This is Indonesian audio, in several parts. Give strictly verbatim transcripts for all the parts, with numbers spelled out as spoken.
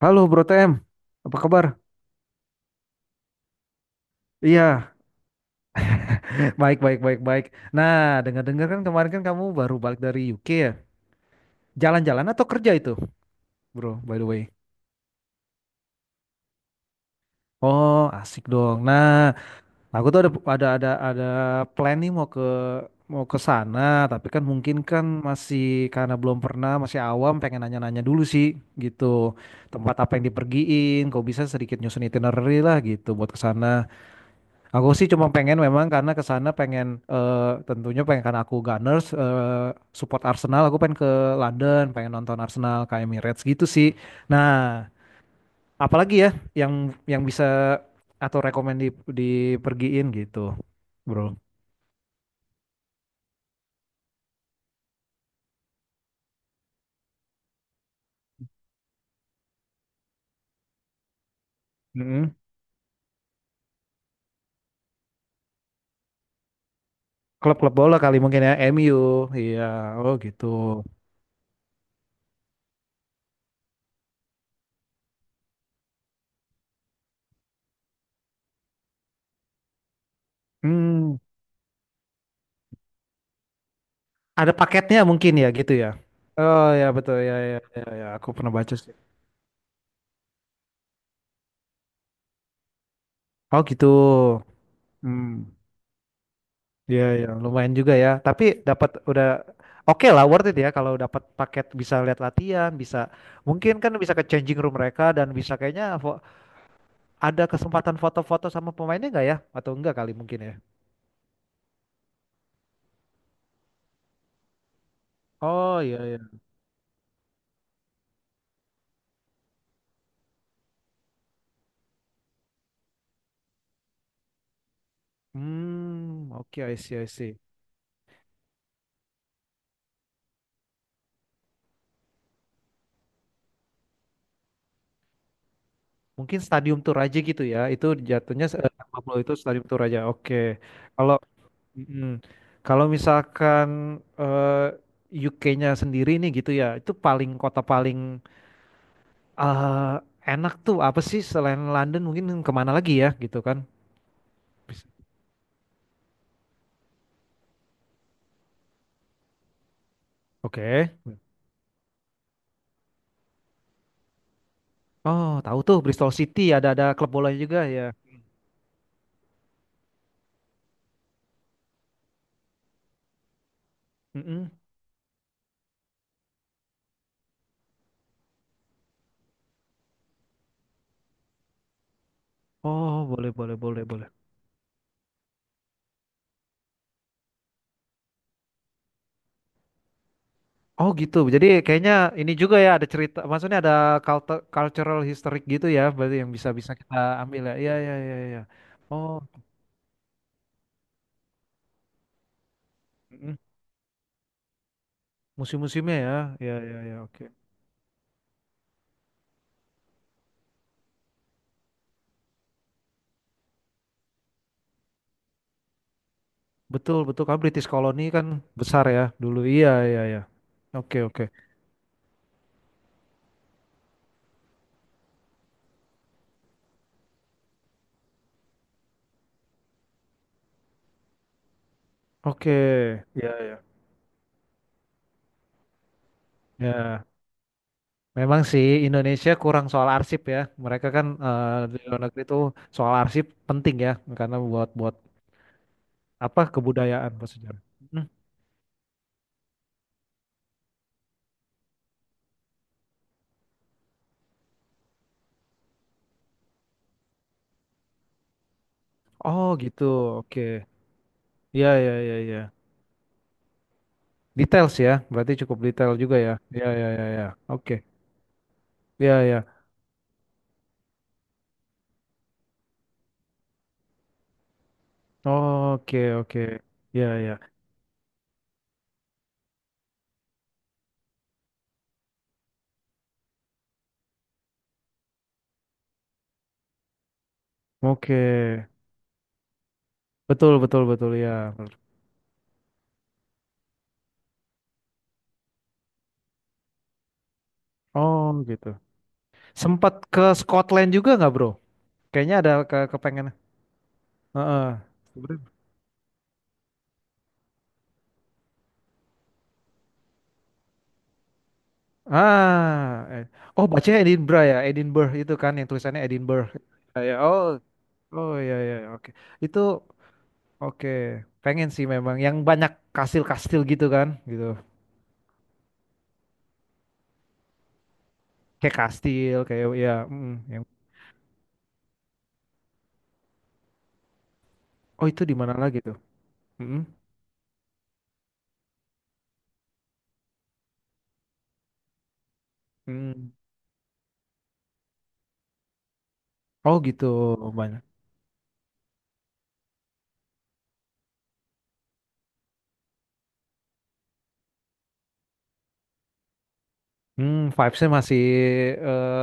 Halo Bro T M, apa kabar? Iya, baik baik baik baik. Nah, dengar-dengar kan kemarin kan kamu baru balik dari U K ya? Jalan-jalan atau kerja itu, Bro, by the way? Oh, asik dong. Nah, aku tuh ada ada ada ada plan nih mau ke mau ke sana, tapi kan mungkin kan masih karena belum pernah, masih awam, pengen nanya-nanya dulu sih gitu. Tempat apa yang dipergiin, kok bisa sedikit nyusun itinerary lah gitu buat ke sana. Aku sih cuma pengen memang karena ke sana pengen eh, tentunya pengen karena aku Gunners eh, support Arsenal aku pengen ke London pengen nonton Arsenal ke Emirates gitu sih. Nah, apalagi ya yang yang bisa atau rekomend di, dipergiin gitu, bro. Mm-mm. Klub-klub bola kali mungkin ya M U, iya, oh gitu. Hmm, ada paketnya mungkin ya gitu ya. Oh ya betul ya ya ya, ya. Aku pernah baca sih. Oh gitu. Hmm. Iya, ya, lumayan juga ya. Tapi dapat udah oke lah, worth it ya kalau dapat paket bisa lihat latihan, bisa mungkin kan bisa ke changing room mereka dan bisa kayaknya fo- ada kesempatan foto-foto sama pemainnya nggak ya? Atau enggak kali mungkin ya? Oh iya iya. Hmm, oke I see I see. Mungkin stadium tour aja gitu ya. Itu jatuhnya eh, lima puluh itu stadium tour aja. Oke. Kalau mm, kalau misalkan eh, U K-nya sendiri nih gitu ya. Itu paling kota paling eh enak tuh apa sih selain London mungkin kemana lagi ya gitu kan Bis- oke. Oh tahu tuh Bristol City, ada ada klub bola juga ya. Mm-mm. Oh boleh boleh boleh boleh. Oh gitu, jadi kayaknya ini juga ya ada cerita maksudnya ada cultu- cultural historic gitu ya berarti yang bisa bisa kita ambil ya, iya iya iya iya. Oh, mm-mm. Museum-museumnya ya, iya iya iya, oke. Betul betul kan British koloni kan besar ya dulu, iya iya iya, oke oke oke, iya iya ya. Memang sih Indonesia kurang soal arsip ya. Mereka kan eh, di luar negeri itu soal arsip penting ya karena buat buat apa kebudayaan bersejarah. Hmm. Oh gitu. Oke. Ya ya ya ya. Details ya. Berarti cukup detail juga ya. Ya ya ya ya. Oke. Ya ya. Oke oke. Ya ya. Oke. Betul betul betul ya. Oh gitu. Sempat ke Scotland juga nggak, bro? Kayaknya ada ke kepengen. Heeh. Ah, eh. Oh bacanya Edinburgh ya, Edinburgh itu kan yang tulisannya Edinburgh. Ya, ya. Oh, oh ya ya, ya, oke. Itu oke. Pengen sih memang yang banyak kastil-kastil gitu kan, gitu. Kayak kastil, kayak ya, mm, yang. Oh itu di mana lagi tuh? Mm, mm. Oh gitu, banyak. Hmm, vibesnya masih eh,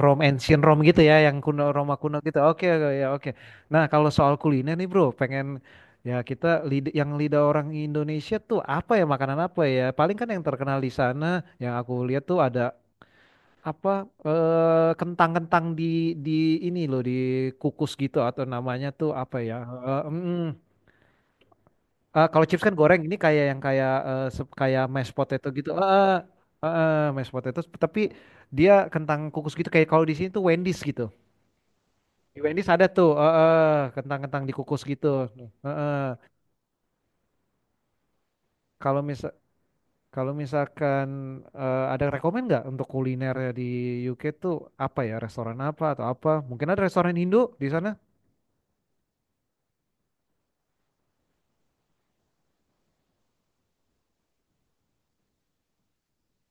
Rome ancient Rome gitu ya, yang kuno Roma kuno gitu. Oke, oke, ya oke. Nah, kalau soal kuliner nih bro, pengen ya kita lid- yang lidah orang Indonesia tuh apa ya makanan apa ya? Paling kan yang terkenal di sana, yang aku lihat tuh ada apa eh, kentang-kentang di di ini loh di kukus gitu atau namanya tuh apa ya? Eh, hmm. Eh, kalau chips kan goreng, ini kayak yang kayak eh, sep- kayak mashed potato gitu. Heeh, heeh, mashed potato. Tapi dia kentang kukus gitu. Kayak kalau di sini tuh Wendy's gitu. Di Wendy's ada tuh heeh, kentang-kentang dikukus gitu. Heeh. Kalau misal kalau misalkan eh, ada rekomend nggak untuk kuliner di U K tuh apa ya restoran apa atau apa? Mungkin ada restoran Hindu di sana?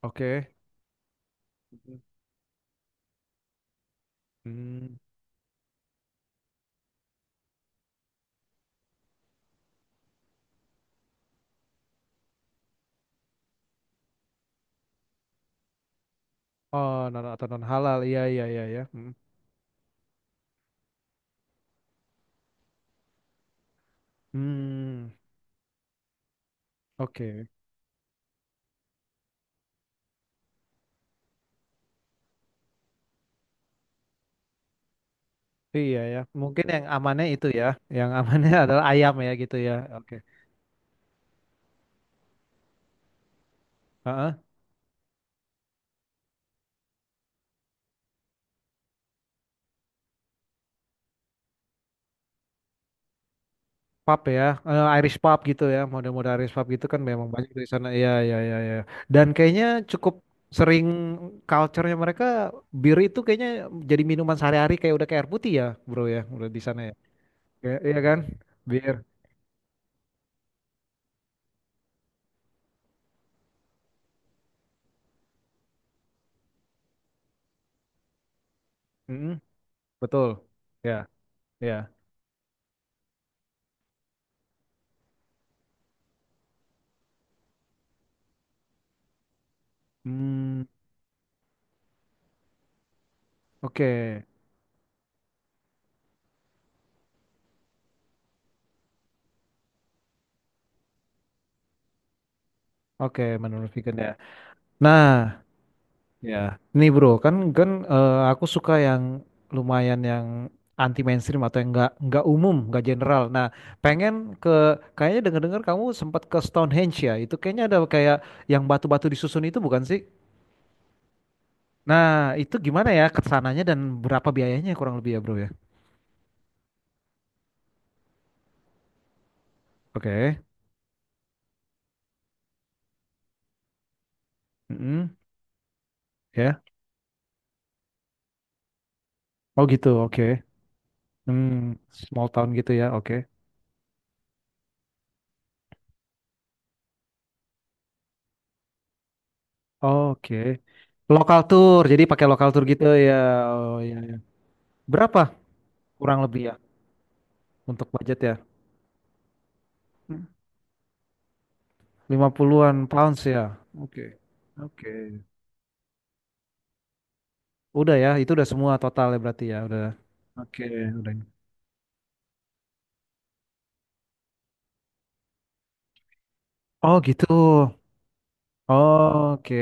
Oke. Mhm. Hmm. Oh, non atau non halal. Iya iya iya ya. Hmm. Hmm, oke. Iya ya, mungkin yang amannya itu ya, yang amannya adalah ayam ya gitu ya. Oke. Heeh. Pub ya. Eh, Irish pub gitu ya, model-model Irish pub gitu kan memang banyak di sana. Iya iya iya iya. Dan kayaknya cukup sering culture-nya mereka bir itu kayaknya jadi minuman sehari-hari kayak udah kayak air putih ya, bro ya, udah di sana ya. Iya iya kan? Bir. Mm-mm. Betul. Ya, ya. Hmm, oke. Oke, menurut vegan ya. Nah, ya, nih bro, kan kan eh, aku suka yang lumayan yang anti mainstream atau yang nggak nggak umum, nggak general. Nah, pengen ke kayaknya dengar-dengar kamu sempat ke Stonehenge ya. Itu kayaknya ada kayak yang batu-batu disusun itu bukan sih? Nah, itu gimana ya kesananya dan berapa biayanya kurang lebih ya bro ya? Oke. Mm-mm. Ya. Oh gitu, oke. Hmm, small town gitu ya, oke. Oke, lokal tour, jadi pakai lokal tour gitu ya. Oh ya, ya. Berapa kurang lebih ya? Untuk budget ya. lima puluhan pounds-an pounds ya. Oke. Oke. Udah ya, itu udah semua total ya berarti ya. Udah. Oke, udah. Oh, gitu. Oke.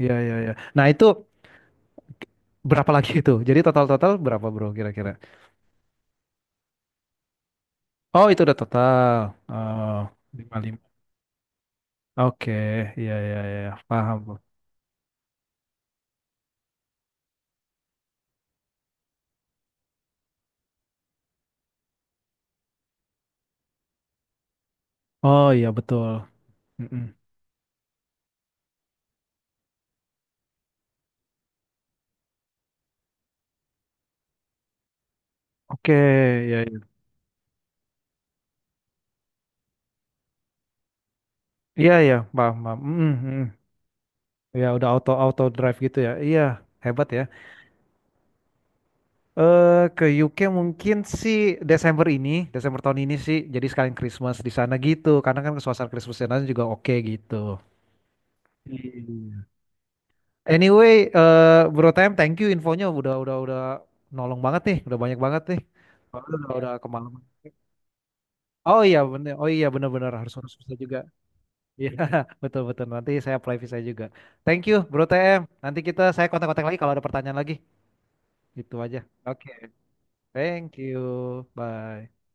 Iya, iya, iya. Nah, itu berapa lagi itu? Jadi total-total berapa, Bro, kira-kira? Oh, itu udah total. Oh, lima puluh lima. Oke, iya, iya, iya. Paham, Bro. Oh, iya, betul. Mm-mm. Oke, iya, iya. Iya, iya, paham, paham. Mm-mm, mm-mm. Ya udah auto auto drive gitu ya. Iya, hebat ya. Eh ke U K mungkin sih Desember ini, Desember tahun ini sih. Jadi sekalian Christmas di sana gitu. Karena kan suasana Christmas di sana juga oke gitu. Iya. Anyway, eh Bro Time, thank you infonya udah udah udah nolong banget nih, udah banyak banget nih. Soalnya Udah udah kemalaman. Oh iya bener, oh iya bener-bener harus harus bisa juga. Iya betul betul. Nanti saya apply visa juga. Thank you Bro T M. Nanti kita saya kontak-kontak lagi kalau ada pertanyaan lagi. Itu aja. Oke. Thank you. Bye.